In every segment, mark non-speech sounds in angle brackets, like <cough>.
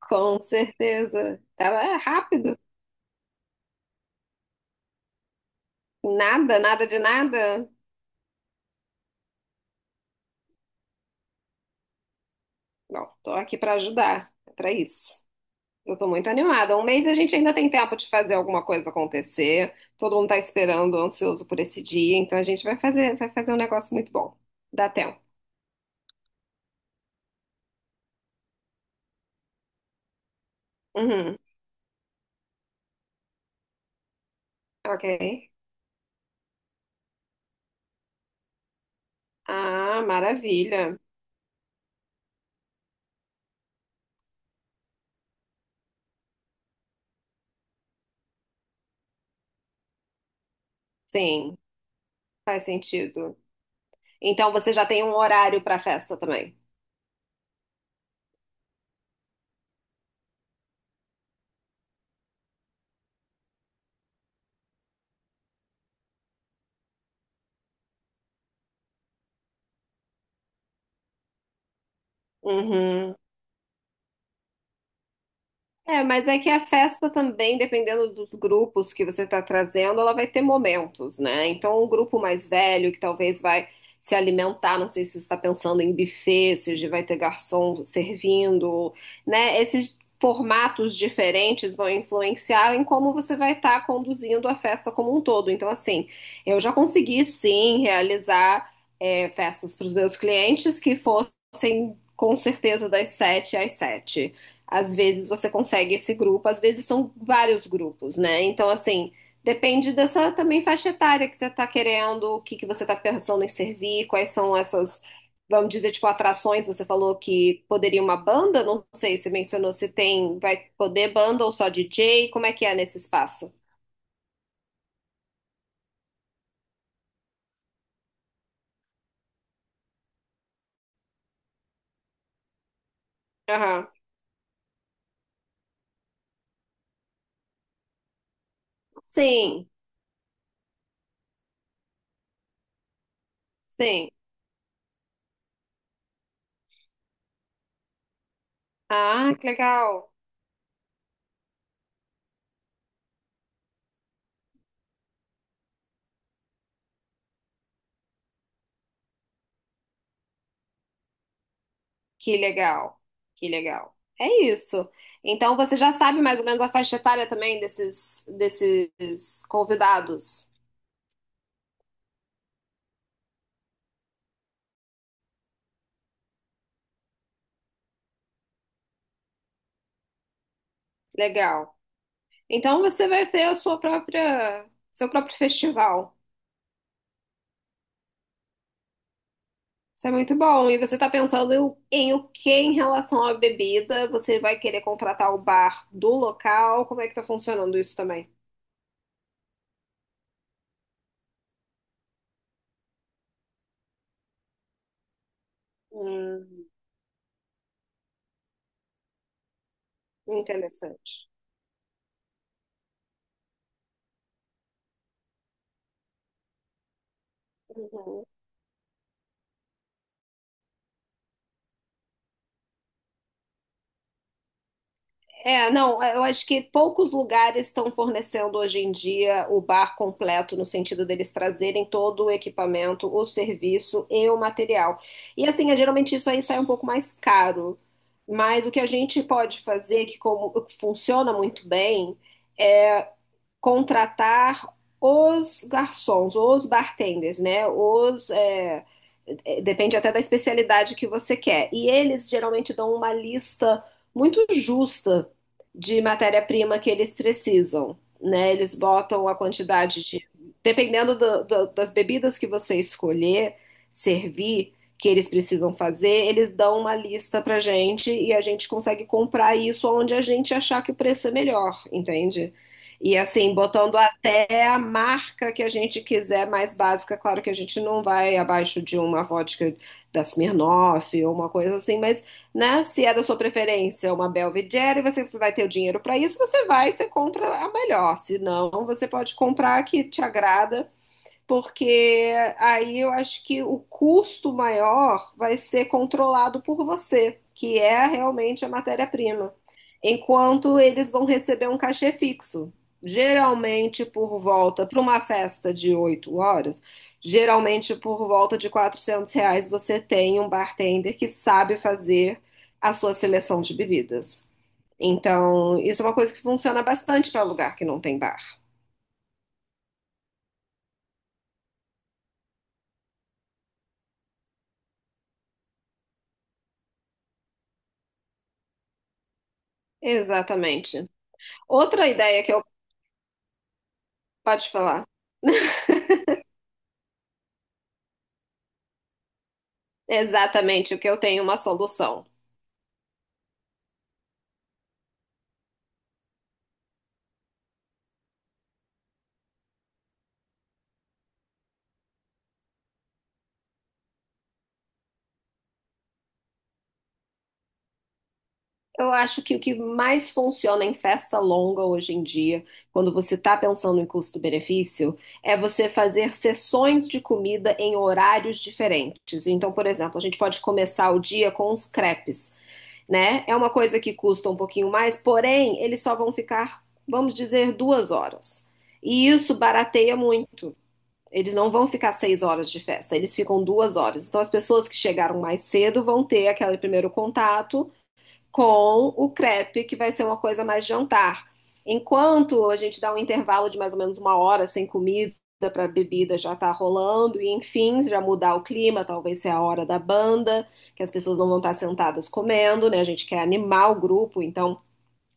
Com certeza. Ela é rápido. Nada, nada de nada. Bom, tô aqui pra ajudar. É pra isso. Eu tô muito animada. Um mês a gente ainda tem tempo de fazer alguma coisa acontecer. Todo mundo tá esperando, ansioso por esse dia, então a gente vai fazer um negócio muito bom. Dá tempo. Uhum. Ok. Ah, maravilha. Sim, faz sentido. Então você já tem um horário para a festa também. Uhum. É, mas é que a festa também, dependendo dos grupos que você está trazendo, ela vai ter momentos, né? Então, um grupo mais velho que talvez vai se alimentar, não sei se você está pensando em buffet, se hoje vai ter garçom servindo, né? Esses formatos diferentes vão influenciar em como você vai estar conduzindo a festa como um todo. Então, assim, eu já consegui sim realizar festas para os meus clientes que fossem com certeza das sete. Às vezes você consegue esse grupo, às vezes são vários grupos, né? Então, assim, depende dessa também faixa etária que você está querendo, o que que você está pensando em servir, quais são essas, vamos dizer, tipo, atrações. Você falou que poderia uma banda, não sei, você mencionou se tem, vai poder banda ou só DJ, como é que é nesse espaço? Aham. Sim, sim. Ah, que legal. Que legal, que legal. É isso. Então você já sabe mais ou menos a faixa etária também desses convidados. Legal. Então você vai ter seu próprio festival. Isso é muito bom. E você está pensando em o que em relação à bebida? Você vai querer contratar o bar do local? Como é que está funcionando isso também? Hum, interessante. Uhum. É, não, eu acho que poucos lugares estão fornecendo hoje em dia o bar completo, no sentido deles trazerem todo o equipamento, o serviço e o material. E assim, geralmente isso aí sai um pouco mais caro. Mas o que a gente pode fazer, que como funciona muito bem, é contratar os garçons, os bartenders, né? Depende até da especialidade que você quer. E eles geralmente dão uma lista muito justa de matéria-prima que eles precisam, né? Eles botam a quantidade de, dependendo das bebidas que você escolher servir, que eles precisam fazer, eles dão uma lista pra gente e a gente consegue comprar isso onde a gente achar que o preço é melhor, entende? E assim, botando até a marca que a gente quiser mais básica, claro que a gente não vai abaixo de uma vodka da Smirnoff ou uma coisa assim, mas né, se é da sua preferência uma Belvedere, você vai ter o dinheiro para isso, você compra a melhor. Se não, você pode comprar a que te agrada porque aí eu acho que o custo maior vai ser controlado por você, que é realmente a matéria-prima, enquanto eles vão receber um cachê fixo. Para uma festa de 8 horas, geralmente por volta de R$ 400 você tem um bartender que sabe fazer a sua seleção de bebidas. Então, isso é uma coisa que funciona bastante para lugar que não tem bar. Exatamente. Outra ideia que eu. Pode falar. <laughs> Exatamente, o que eu tenho é uma solução. Eu acho que o que mais funciona em festa longa hoje em dia, quando você está pensando em custo-benefício, é você fazer sessões de comida em horários diferentes. Então, por exemplo, a gente pode começar o dia com os crepes, né? É uma coisa que custa um pouquinho mais, porém, eles só vão ficar, vamos dizer, 2 horas. E isso barateia muito. Eles não vão ficar 6 horas de festa, eles ficam 2 horas. Então, as pessoas que chegaram mais cedo vão ter aquele primeiro contato com o crepe, que vai ser uma coisa mais jantar. Enquanto a gente dá um intervalo de mais ou menos uma hora sem comida para a bebida já tá rolando, e enfim, já mudar o clima, talvez seja a hora da banda, que as pessoas não vão estar sentadas comendo, né? A gente quer animar o grupo, então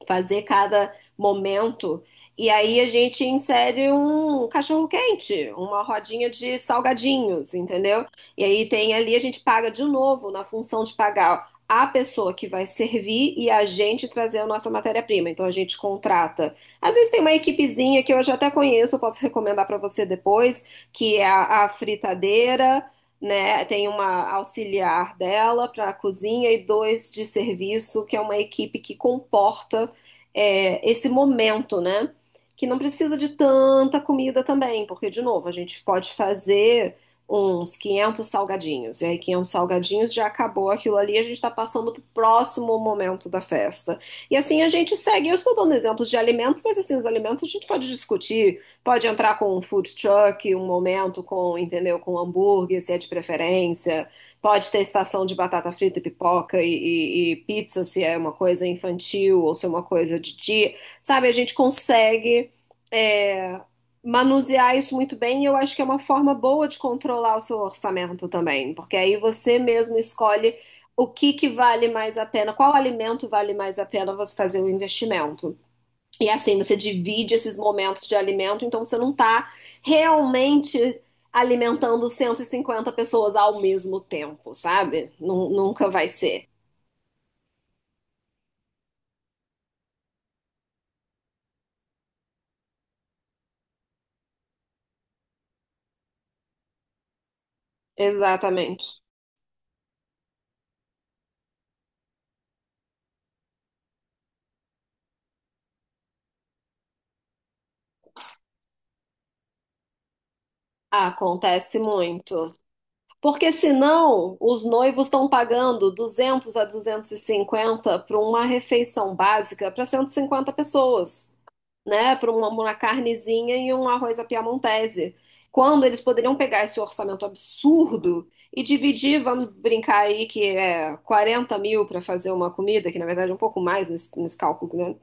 fazer cada momento. E aí a gente insere um cachorro quente, uma rodinha de salgadinhos, entendeu? E aí tem ali, a gente paga de novo na função de pagar a pessoa que vai servir e a gente trazer a nossa matéria-prima. Então a gente contrata. Às vezes tem uma equipezinha que eu já até conheço, eu posso recomendar para você depois, que é a fritadeira, né? Tem uma auxiliar dela para a cozinha e dois de serviço, que é uma equipe que comporta esse momento, né? Que não precisa de tanta comida também, porque, de novo, a gente pode fazer uns 500 salgadinhos, e aí 500 salgadinhos já acabou aquilo ali, a gente está passando para o próximo momento da festa. E assim a gente segue. Eu estou dando exemplos de alimentos, mas assim, os alimentos a gente pode discutir, pode entrar com um food truck, um momento com, entendeu, com hambúrguer, se é de preferência. Pode ter estação de batata frita, e pipoca e pizza, se é uma coisa infantil ou se é uma coisa de dia. Sabe, a gente consegue é, manusear isso muito bem e eu acho que é uma forma boa de controlar o seu orçamento também, porque aí você mesmo escolhe o que que vale mais a pena, qual alimento vale mais a pena você fazer o investimento. E é assim, você divide esses momentos de alimento, então você não está realmente alimentando 150 pessoas ao mesmo tempo, sabe? Nunca vai ser. Exatamente. Acontece muito. Porque senão os noivos estão pagando 200 a 250 para uma refeição básica para 150 pessoas. Né, para uma carnezinha e um arroz à piamontese. Quando eles poderiam pegar esse orçamento absurdo e dividir, vamos brincar aí que é 40 mil para fazer uma comida, que na verdade é um pouco mais nesse cálculo, né?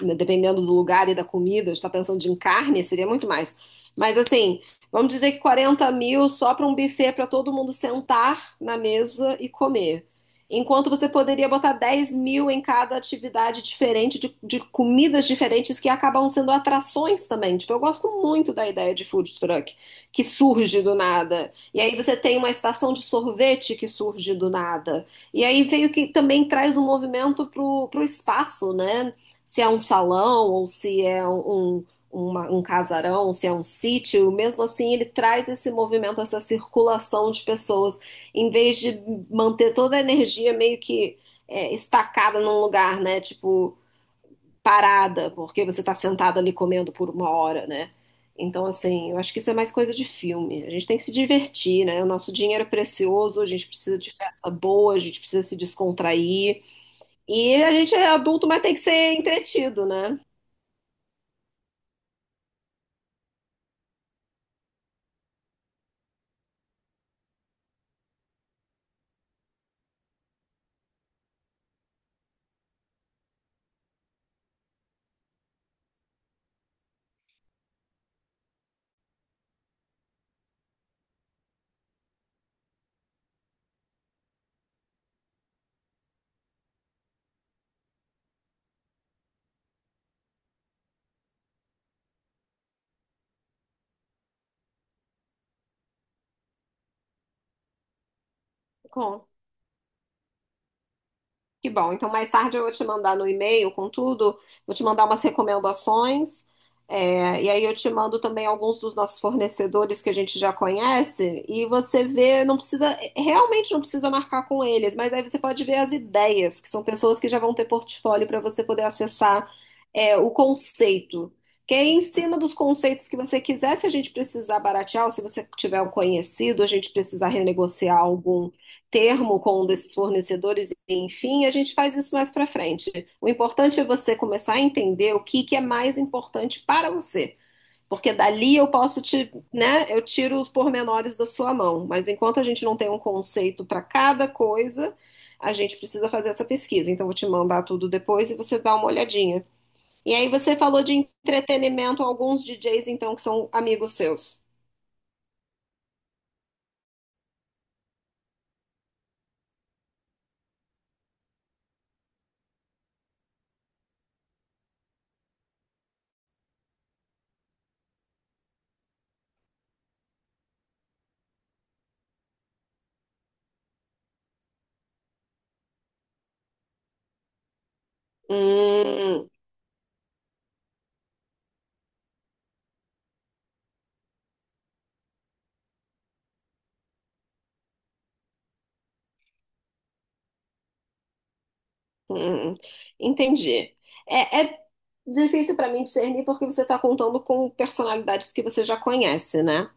Né, dependendo do lugar e da comida, está pensando de carne, seria muito mais. Mas assim, vamos dizer que 40 mil só para um buffet para todo mundo sentar na mesa e comer. Enquanto você poderia botar 10 mil em cada atividade diferente, de comidas diferentes que acabam sendo atrações também. Tipo, eu gosto muito da ideia de food truck, que surge do nada. E aí você tem uma estação de sorvete que surge do nada. E aí veio que também traz um movimento pro espaço, né? Se é um salão ou se é um casarão, se é um sítio, mesmo assim ele traz esse movimento, essa circulação de pessoas, em vez de manter toda a energia meio que estacada num lugar, né? Tipo, parada, porque você está sentado ali comendo por uma hora, né? Então, assim, eu acho que isso é mais coisa de filme. A gente tem que se divertir, né? O nosso dinheiro é precioso, a gente precisa de festa boa, a gente precisa se descontrair. E a gente é adulto, mas tem que ser entretido, né? Bom, que bom. Então, mais tarde eu vou te mandar no e-mail com tudo, vou te mandar umas recomendações, e aí eu te mando também alguns dos nossos fornecedores que a gente já conhece, e você vê, não precisa, realmente não precisa marcar com eles, mas aí você pode ver as ideias, que são pessoas que já vão ter portfólio para você poder acessar, o conceito. Que aí em cima dos conceitos que você quiser, se a gente precisar baratear, ou se você tiver um conhecido, a gente precisar renegociar algum termo com um desses fornecedores, enfim, a gente faz isso mais para frente. O importante é você começar a entender o que é mais importante para você, porque dali eu posso te, né, eu tiro os pormenores da sua mão, mas enquanto a gente não tem um conceito para cada coisa, a gente precisa fazer essa pesquisa. Então, eu vou te mandar tudo depois e você dá uma olhadinha. E aí, você falou de entretenimento, alguns DJs, então, que são amigos seus. Hum, Hum, entendi. É difícil para mim discernir porque você está contando com personalidades que você já conhece, né?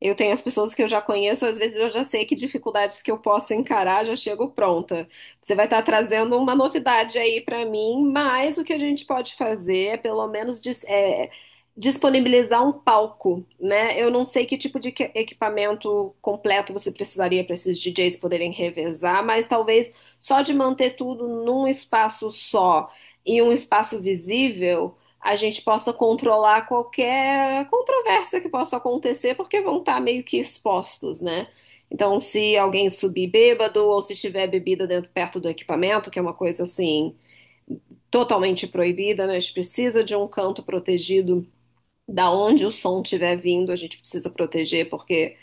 Eu tenho as pessoas que eu já conheço, às vezes eu já sei que dificuldades que eu posso encarar, já chego pronta. Você vai estar trazendo uma novidade aí para mim, mas o que a gente pode fazer é pelo menos disponibilizar um palco, né? Eu não sei que tipo de equipamento completo você precisaria para esses DJs poderem revezar, mas talvez só de manter tudo num espaço só e um espaço visível a gente possa controlar qualquer controvérsia que possa acontecer, porque vão estar meio que expostos, né? Então, se alguém subir bêbado ou se tiver bebida dentro, perto do equipamento, que é uma coisa assim totalmente proibida, né? A gente precisa de um canto protegido da onde o som estiver vindo, a gente precisa proteger, porque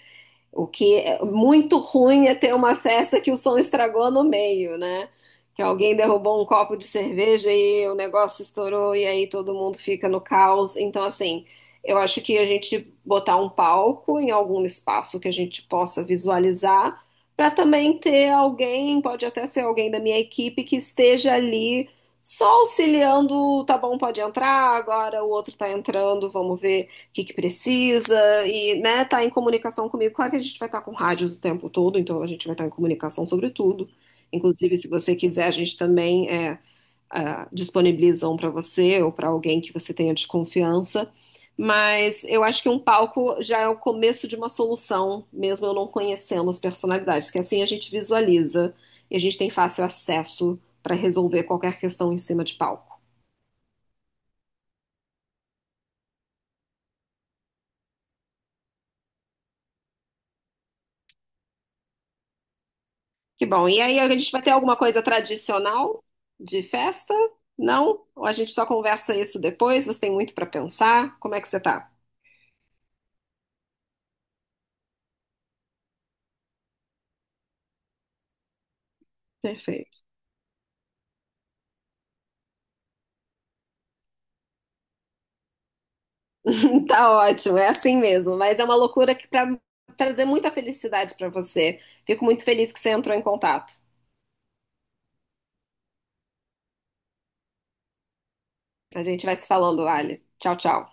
o que é muito ruim é ter uma festa que o som estragou no meio, né? Que alguém derrubou um copo de cerveja e o negócio estourou e aí todo mundo fica no caos. Então, assim, eu acho que a gente botar um palco em algum espaço que a gente possa visualizar, para também ter alguém, pode até ser alguém da minha equipe, que esteja ali só auxiliando, tá bom, pode entrar, agora o outro tá entrando, vamos ver o que que precisa e, né, tá em comunicação comigo. Claro que a gente vai estar com rádios o tempo todo, então a gente vai estar em comunicação sobre tudo. Inclusive, se você quiser, a gente também disponibiliza um para você ou para alguém que você tenha desconfiança. Mas eu acho que um palco já é o começo de uma solução, mesmo eu não conhecendo as personalidades, que assim a gente visualiza e a gente tem fácil acesso para resolver qualquer questão em cima de palco. Que bom. E aí, a gente vai ter alguma coisa tradicional de festa? Não? Ou a gente só conversa isso depois? Você tem muito para pensar? Como é que você tá? Perfeito. <laughs> Tá ótimo, é assim mesmo. Mas é uma loucura que para trazer muita felicidade para você. Fico muito feliz que você entrou em contato. A gente vai se falando, Ali. Tchau, tchau.